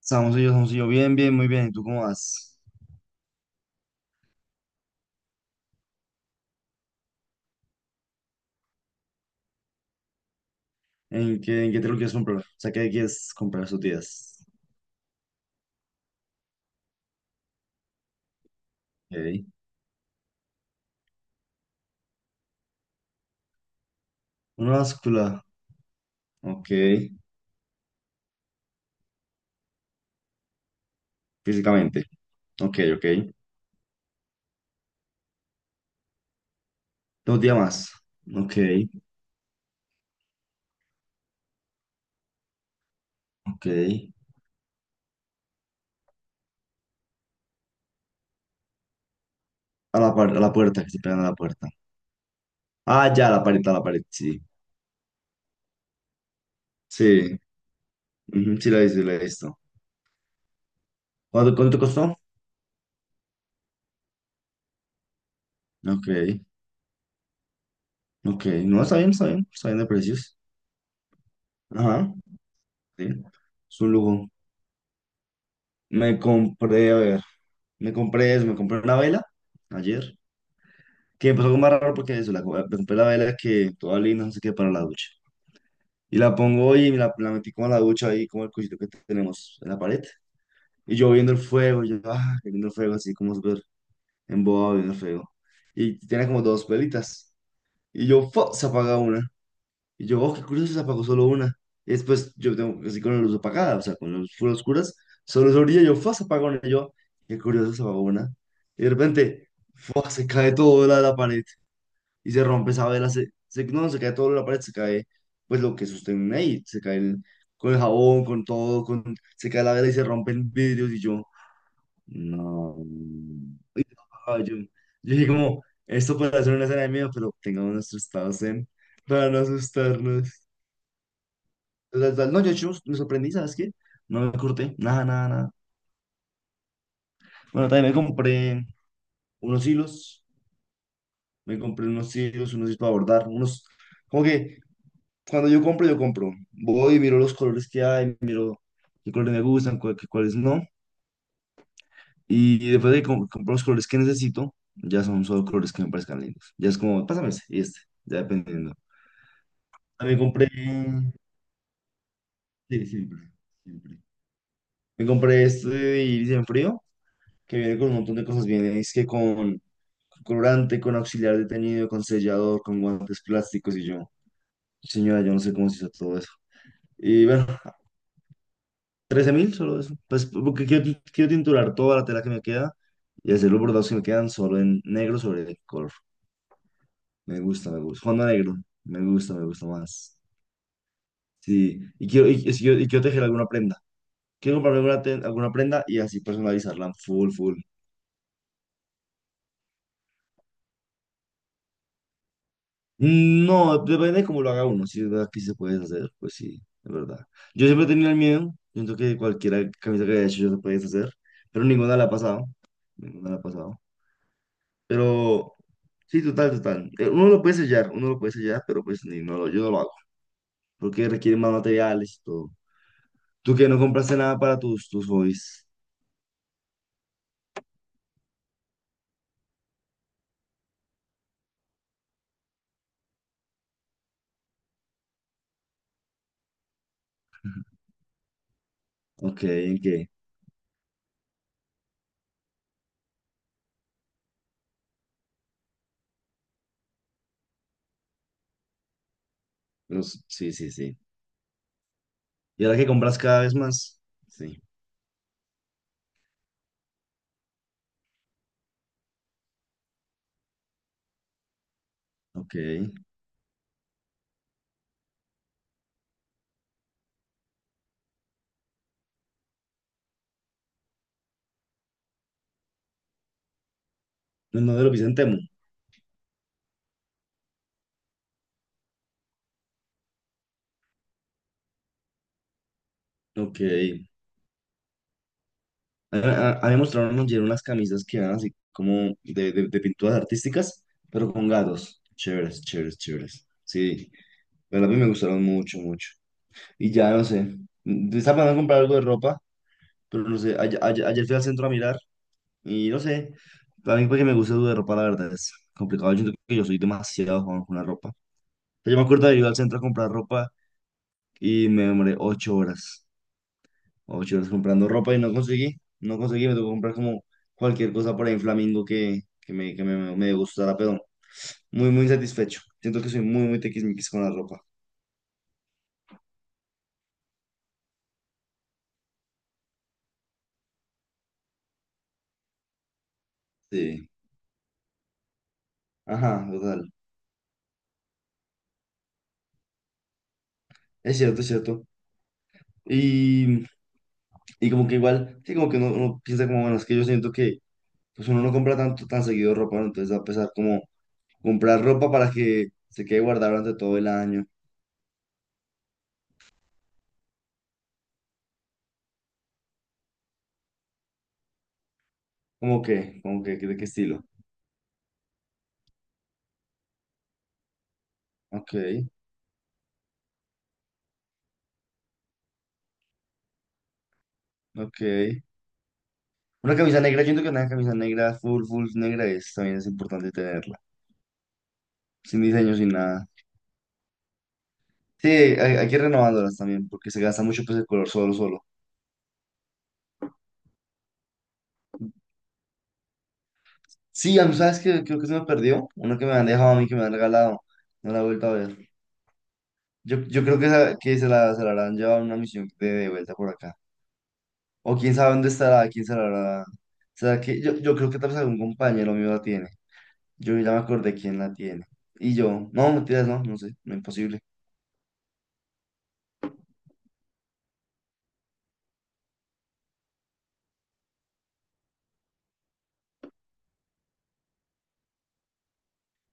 Estamos yo. Bien, bien, muy bien. ¿Y tú cómo vas? ¿En qué te lo quieres comprar? O sea, ¿qué quieres comprar esos días? Ok. Una báscula. Ok. Físicamente. Ok, ok. 2 días más. Ok, ok. A la puerta, que se pegan a la puerta. Ah, ya, la pared, a la pared, sí. Sí, ujú, sí, la he visto, sí la he visto. ¿Cuánto, cuánto costó? Ok, ok. No, está bien, está bien. Está bien de precios. Ajá. Sí. Es un lujo. Me compré, a ver. Me compré una vela ayer, que empezó algo más raro porque eso, me compré la vela que toda linda, no sé qué, para la ducha. Y la pongo hoy y me la metí como a la ducha ahí, como el cuchito que tenemos en la pared. Y yo viendo el fuego, viendo el fuego, así como súper embobado viendo el fuego. Y tiene como dos velitas. Y yo, ¡fua!, se apaga una. Y yo, oh, qué curioso, se apagó solo una. Y después yo tengo así con la luz apagada, o sea, con las luces full oscuras, solo se brilla, yo, fue, se apagó una. Y yo, qué curioso, se apagó una. Y de repente, fue, se cae todo la pared y se rompe esa vela. No, se cae todo la pared, se cae, pues lo que sostiene ahí, se cae el con el jabón, con todo, con, se cae la vela y se rompen vidrios. Y yo, no. Ah, yo dije, como, esto puede ser una escena de miedo, pero tengamos nuestros estados zen para no asustarnos. La verdad, no, yo me sorprendí, ¿sabes qué? No me corté, nada, nada, nada. Bueno, también me compré unos hilos, unos hilos para bordar, unos... Como que cuando yo compro, yo compro. Voy y miro los colores que hay, miro qué colores me gustan, qué cuáles no. Y después de que compro los colores que necesito, ya son solo colores que me parezcan lindos. Ya es como, pásame ese y este, ya dependiendo. También compré... Sí, siempre, siempre. Me compré este de iris en frío que viene con un montón de cosas. Viene, es que con colorante, con auxiliar de teñido, con sellador, con guantes plásticos y yo. Señora, yo no sé cómo se hizo todo eso. Y bueno, 13.000 solo eso. Pues porque quiero, quiero tinturar toda la tela que me queda y hacer los bordados que me quedan solo en negro sobre color. Me gusta, me gusta. Fondo negro. Me gusta más. Sí. Y quiero tejer alguna prenda. Quiero comprarme alguna prenda y así personalizarla full, full. Mm, no, depende de cómo lo haga uno. Si es verdad que sí se puede hacer, pues sí, es verdad. Yo siempre he tenido el miedo. Siento que cualquier camisa que haya hecho yo se puede hacer, pero ninguna la ha pasado. Ninguna la ha pasado. Pero sí, total, total. Uno lo puede sellar, uno lo puede sellar, pero pues ni, no, yo no lo hago, porque requiere más materiales y todo. Tú que no compraste nada para tus hobbies. Ok, ¿en qué? Los sí, sí, sí. Y ahora que compras cada vez más. Sí, ok. No, no, de lo que hice en Temu. Ok. Ha, ha demostrado unos ayer unas camisas que eran así como de, de pinturas artísticas, pero con gatos. Chéveres, chéveres, chéveres. Sí, pero a mí me gustaron mucho, mucho. Y ya no sé, mm, estaba pensando en comprar algo de ropa, pero no sé, ayer, ayer fui al centro a mirar y no sé, para mí porque me gusta algo de ropa, la verdad es complicado. Yo siento que yo soy demasiado joven con la ropa. O sea, yo me acuerdo de ir al centro a comprar ropa y me demoré 8 horas. O chicos, comprando ropa y no conseguí. No conseguí, me tocó comprar como cualquier cosa por ahí en Flamingo me gustara, pero muy, muy insatisfecho. Siento que soy muy, muy tiquismiquis con la ropa. Sí. Ajá, total. Es cierto, es cierto. Y, y como que igual, sí, como que uno piensa como, bueno, es que yo siento que pues uno no compra tanto, tan seguido ropa, ¿no? Entonces va a pesar como comprar ropa para que se quede guardada durante todo el año. ¿Cómo que? ¿Cómo que? ¿De qué estilo? Ok, ok. Una camisa negra, yo siento que una camisa negra, full, full negra es, también es importante tenerla. Sin diseño, sin nada. Sí, hay que ir renovándolas también, porque se gasta mucho pues el color solo, solo. Sí, a mí, ¿sabes qué? Creo que se me perdió. Una que me han dejado a mí, que me han regalado. No la he vuelto a ver. Yo creo que, esa que se la habrán llevado a una misión de, vuelta por acá. O quién sabe dónde estará, quién se la habrá... ¿Será que yo creo que tal vez algún compañero mío la tiene? Yo ya me acordé quién la tiene. Y yo, no, mentiras, no, no sé, no, imposible.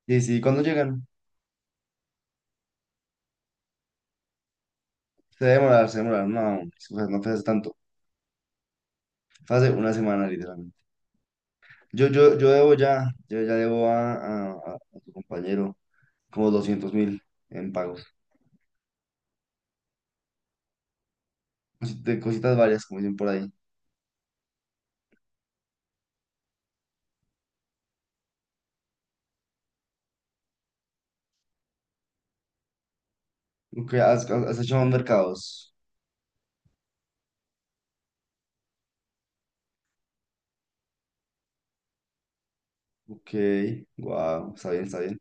Sí, sí, ¿cuándo llegan? Se debe demorar, no, o sea, no fue hace tanto, fue hace una semana literalmente. Yo, yo debo ya, yo ya debo a tu compañero como 200.000 en pagos, de cositas varias, como dicen por ahí. Ok, has, has hecho más mercados. Ok, wow, está bien, está bien,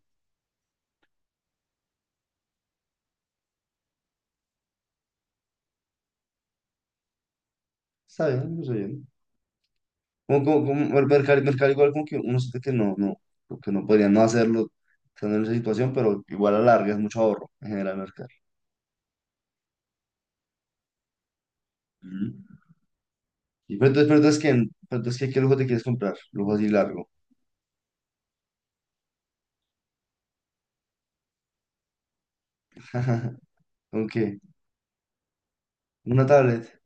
está bien, está bien. Como el mercado, mercado igual como que uno siente que no, no, como que no podría no hacerlo estando en esa situación, pero igual a la larga es mucho ahorro en general mercado. Y pero entonces, ¿qué lujo te quieres comprar? Lujo así largo. ¿Con qué? ¿Una tablet?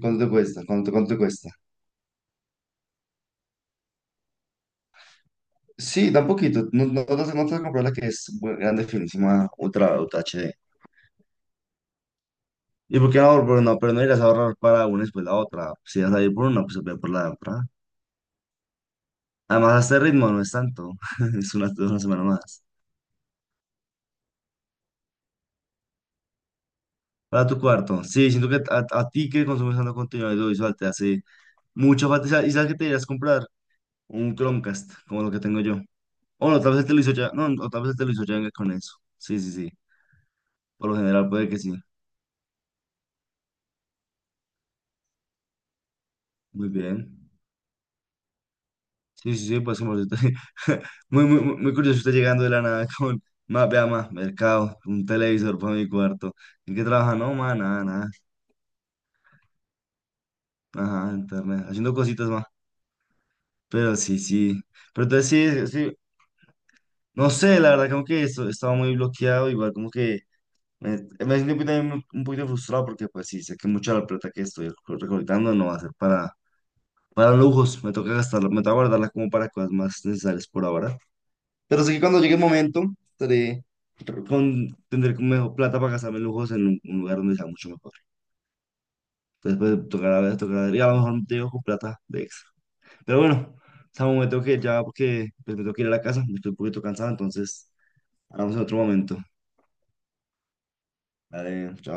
¿Cuánto te cuesta? ¿Cuánto, cuánto te cuesta? Sí, da un poquito. No, no, no te vas a no te vas a comprar la que es bu- grande, finísima, ultra, ultra HD. ¿Y por qué no? Pero no, pero no irás a ahorrar para una y después la otra. Si vas a ir por una, pues ve por la otra. Además, a este ritmo no es tanto. Es una semana más. Para tu cuarto. Sí, siento que a ti que consumes tanto contenido audiovisual te hace mucha falta. Y sabes qué te irías a comprar? Un Chromecast, como lo que tengo yo. O no, tal vez él te lo hizo ya. No, no, tal vez él te lo hizo ya con eso. Sí, sí, sí. Por lo general puede que sí. Muy bien. Sí, sí, sí, pues como si usted... muy, muy, muy muy curioso usted llegando de la nada con, más vea, mercado, un televisor para mi cuarto. ¿En qué trabaja? No, más nada, nada. Ajá, internet, haciendo cositas, más. Pero sí, sí. Pero entonces sí, sí. No sé, la verdad, como que esto, estaba muy bloqueado, igual como que me, me siento un poquito frustrado porque pues sí, sé que mucha de la plata que estoy recolectando no va a ser para lujos, me toca gastarla, me toca guardarla como para cosas más necesarias por ahora. Pero sé que cuando llegue el momento, estaré con, tendré como mejor plata para gastarme en lujos en un lugar donde sea mucho mejor. Entonces, pues, tocará ver, y a lo mejor no te dejo con plata de extra. Pero bueno, Samu, me tengo que ir ya porque pues, me tengo que ir a la casa, estoy un poquito cansado, entonces hablamos en otro momento. Dale, chao.